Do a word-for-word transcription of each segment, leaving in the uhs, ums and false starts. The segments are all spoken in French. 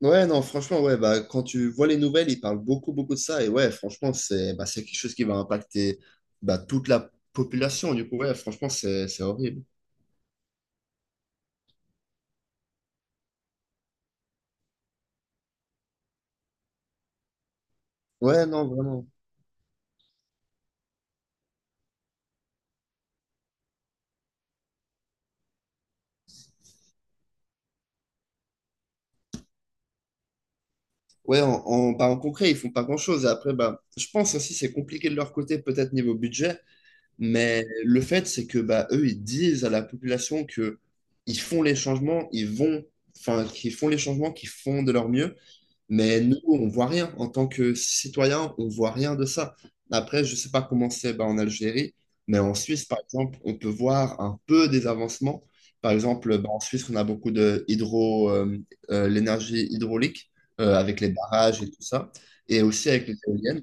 Ouais, non, franchement, ouais, bah, quand tu vois les nouvelles, ils parlent beaucoup, beaucoup de ça. Et ouais, franchement, c'est bah, c'est quelque chose qui va impacter bah, toute la population. Du coup, ouais, franchement, c'est c'est horrible. Ouais, non, vraiment. Ouais, en, en, bah, en concret, ils font pas grand-chose. Et après, bah, je pense aussi c'est compliqué de leur côté, peut-être niveau budget. Mais le fait, c'est que bah, eux, ils disent à la population que ils font les changements, ils vont, enfin, qu'ils font les changements, qu'ils font de leur mieux. Mais nous, on voit rien. En tant que citoyen, on voit rien de ça. Après, je sais pas comment c'est bah, en Algérie, mais en Suisse, par exemple, on peut voir un peu des avancements. Par exemple, bah, en Suisse, on a beaucoup de hydro, euh, euh, l'énergie hydraulique euh, avec les barrages et tout ça, et aussi avec les éoliennes.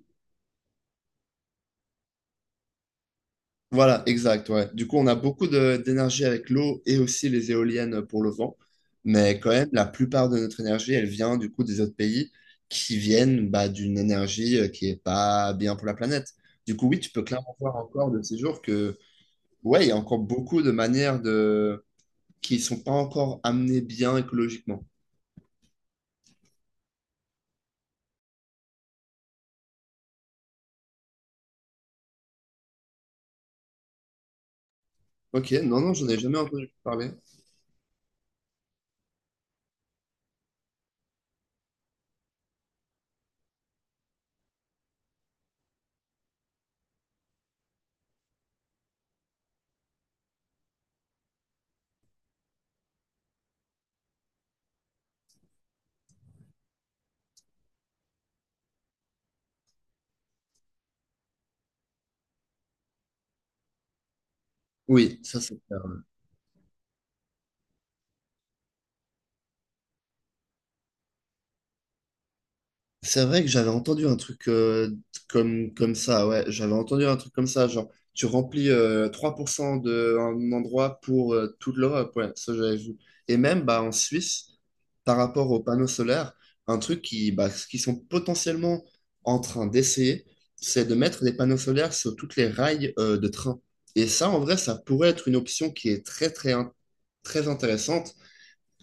Voilà, exact, ouais. Du coup, on a beaucoup de- d'énergie avec l'eau et aussi les éoliennes pour le vent. Mais quand même, la plupart de notre énergie, elle vient du coup des autres pays qui viennent bah, d'une énergie euh, qui est pas bien pour la planète. Du coup, oui, tu peux clairement voir encore de ces jours que, ouais, il y a encore beaucoup de manières de… qui sont pas encore amenées bien écologiquement. Ok, non, non, j'en ai jamais entendu parler. Oui, ça c'est… C'est vrai que j'avais entendu un truc euh, comme, comme ça, ouais, j'avais entendu un truc comme ça, genre tu remplis euh, trois pour cent d'un endroit pour euh, toute l'Europe, ouais, ça j'avais vu. Et même bah, en Suisse, par rapport aux panneaux solaires, un truc qui, bah, ce qu'ils sont potentiellement en train d'essayer, c'est de mettre des panneaux solaires sur toutes les rails euh, de train. Et ça, en vrai, ça pourrait être une option qui est très, très, in- très intéressante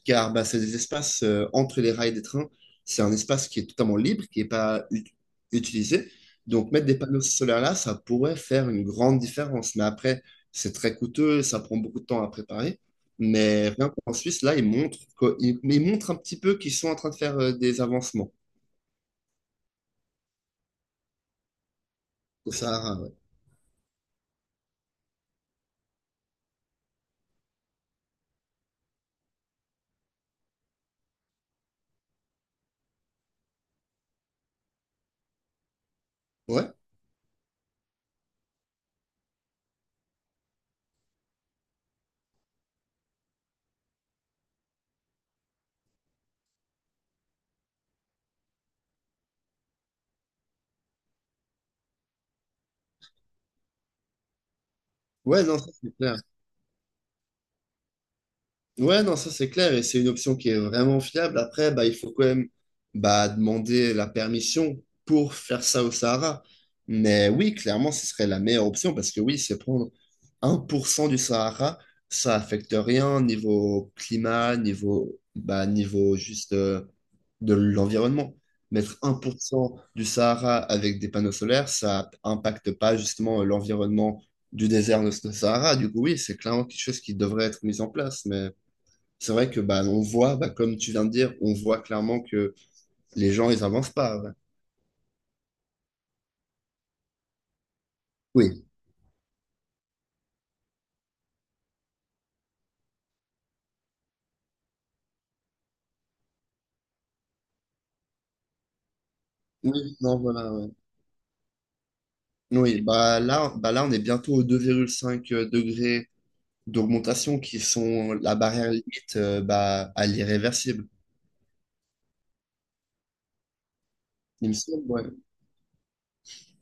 car bah, c'est des espaces euh, entre les rails des trains. C'est un espace qui est totalement libre, qui n'est pas ut- utilisé. Donc, mettre des panneaux solaires là, ça pourrait faire une grande différence. Mais après, c'est très coûteux, ça prend beaucoup de temps à préparer. Mais rien qu'en Suisse, là, ils montrent, que- ils, ils montrent un petit peu qu'ils sont en train de faire euh, des avancements au Sahara. Ouais, ouais, ouais non, ça, c'est clair. Ouais, non, ça c'est clair et c'est une option qui est vraiment fiable. Après, bah, il faut quand même bah, demander la permission pour faire ça au Sahara. Mais oui, clairement, ce serait la meilleure option parce que oui, c'est prendre un pour cent du Sahara, ça affecte rien niveau climat, niveau, bah, niveau juste euh, de l'environnement. Mettre un pour cent du Sahara avec des panneaux solaires, ça impacte pas justement l'environnement du désert de ce Sahara. Du coup, oui, c'est clairement quelque chose qui devrait être mis en place. Mais c'est vrai que bah, on voit, bah, comme tu viens de dire, on voit clairement que les gens, ils avancent pas. Ouais. Oui. Oui, non, voilà. Ouais. Oui, bah là, bah là, on est bientôt aux deux virgule cinq degrés d'augmentation qui sont la barrière limite euh, bah, à l'irréversible. Il me semble, ouais.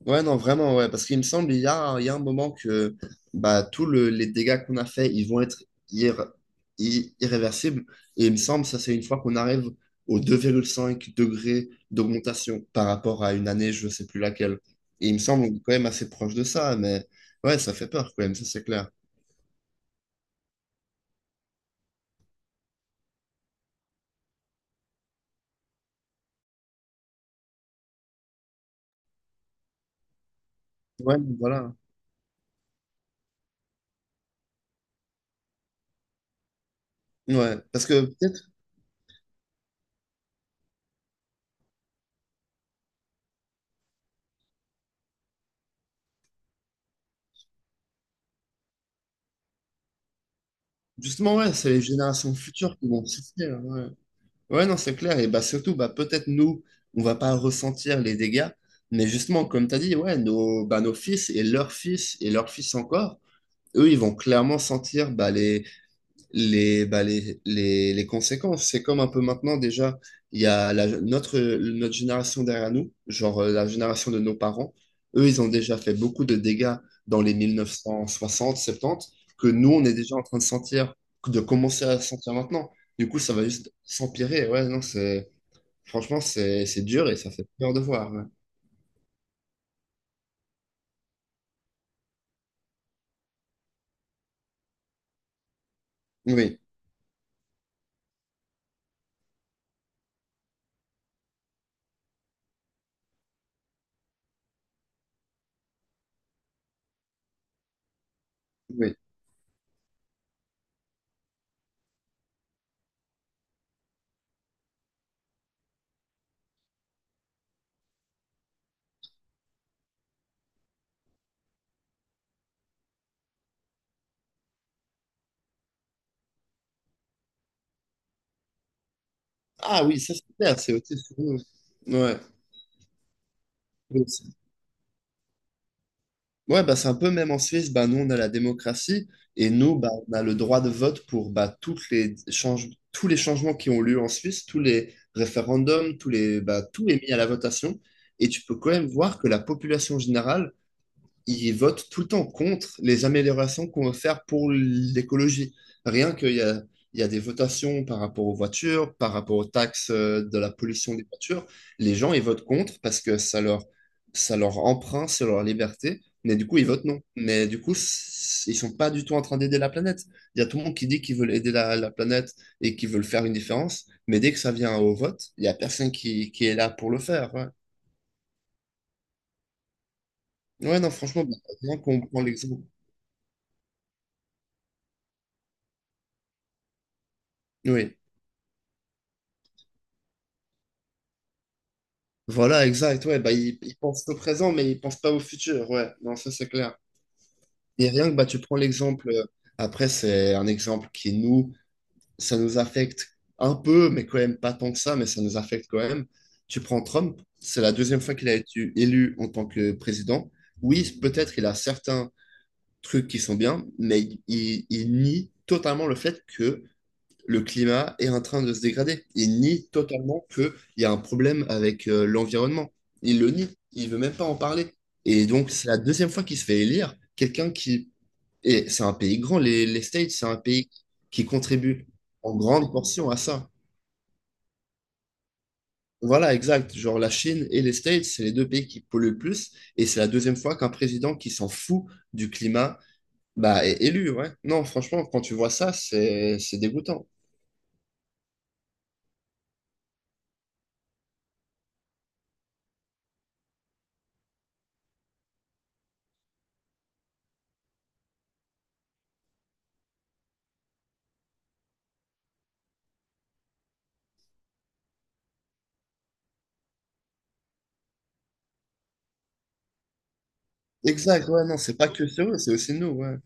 Ouais, non, vraiment, ouais. Parce qu'il me semble, il y a, il y a un moment que bah, tous le- les dégâts qu'on a faits, ils vont être irr- i- irréversibles. Et il me semble, ça, c'est une fois qu'on arrive aux deux virgule cinq degrés d'augmentation par rapport à une année, je ne sais plus laquelle. Et il me semble, on est quand même assez proche de ça. Mais ouais, ça fait peur quand même, ça, c'est clair. Ouais, voilà. Ouais. Parce que peut-être, justement, ouais, c'est les générations futures qui vont souffrir. Ouais. Ouais, non, c'est clair. Et bah, surtout, bah, peut-être nous, on va pas ressentir les dégâts, mais justement, comme tu as dit, ouais, nos, bah, nos fils et leurs fils et leurs fils encore, eux, ils vont clairement sentir bah, les, les, bah, les, les, les conséquences. C'est comme un peu maintenant déjà, il y a la- notre, notre génération derrière nous, genre euh, la génération de nos parents, eux, ils ont déjà fait beaucoup de dégâts dans les mille neuf cent soixante, soixante-dix, que nous, on est déjà en train de sentir, de commencer à sentir maintenant. Du coup, ça va juste s'empirer. Ouais, non, c'est, franchement, c'est, c'est dur et ça fait peur de voir. Ouais. Oui, oui. Ah oui, ça c'est clair, c'est aussi sur nous. Ouais. Ouais, bah, c'est un peu même en Suisse, bah, nous on a la démocratie et nous bah, on a le droit de vote pour bah, toutes les change- tous les changements qui ont lieu en Suisse, tous les référendums, tous les, bah, tout est mis à la votation. Et tu peux quand même voir que la population générale ils votent tout le temps contre les améliorations qu'on veut faire pour l'écologie. Rien qu'il y a, il y a des votations par rapport aux voitures, par rapport aux taxes euh, de la pollution des voitures, les gens, ils votent contre parce que ça leur, ça leur empreinte sur leur liberté, mais du coup, ils votent non. Mais du coup, c- ils sont pas du tout en train d'aider la planète. Il y a tout le monde qui dit qu'ils veulent aider la, la planète et qu'ils veulent faire une différence, mais dès que ça vient au vote, il y a personne qui, qui est là pour le faire. Ouais, Ouais, non, franchement, bah, bien qu'on prend l'exemple. Oui. Voilà, exact, ouais, bah, ils, ils pensent au présent, mais ils pensent pas au futur, ouais, non, ça c'est clair. Et rien que, bah, tu prends l'exemple, euh, après, c'est un exemple qui nous, ça nous affecte un peu, mais quand même pas tant que ça, mais ça nous affecte quand même. Tu prends Trump, c'est la deuxième fois qu'il a été élu en tant que président. Oui, peut-être il a certains trucs qui sont bien, mais il, il nie totalement le fait que le climat est en train de se dégrader. Il nie totalement qu'il y a un problème avec euh, l'environnement. Il le nie. Il veut même pas en parler. Et donc, c'est la deuxième fois qu'il se fait élire quelqu'un qui… Et c'est un pays grand, les, les States, c'est un pays qui contribue en grande portion à ça. Voilà, exact. Genre, la Chine et les States, c'est les deux pays qui polluent le plus. Et c'est la deuxième fois qu'un président qui s'en fout du climat, bah, est élu, ouais. Non, franchement, quand tu vois ça, c'est c'est dégoûtant. Exact, ouais, non, c'est pas que eux, c'est aussi nous, ouais.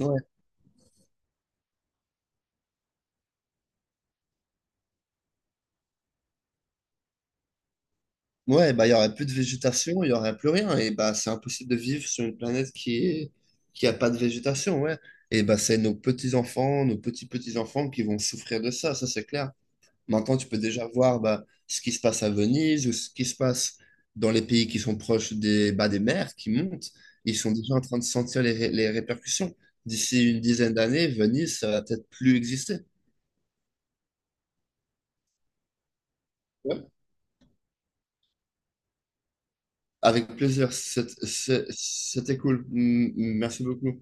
Ouais, ouais, bah, il y aurait plus de végétation, il y aurait plus rien. Et bah, c'est impossible de vivre sur une planète qui est, qui a pas de végétation, ouais. Et bah, c'est nos petits-enfants, nos petits-petits-enfants qui vont souffrir de ça, ça c'est clair. Maintenant, tu peux déjà voir bah, ce qui se passe à Venise ou ce qui se passe dans les pays qui sont proches des, bah, des mers qui montent. Ils sont déjà en train de sentir les, ré- les répercussions. D'ici une dizaine d'années, Venise, ça va peut-être plus exister. Ouais. Avec plaisir, c'est- c'est- c'était cool. M- Merci beaucoup.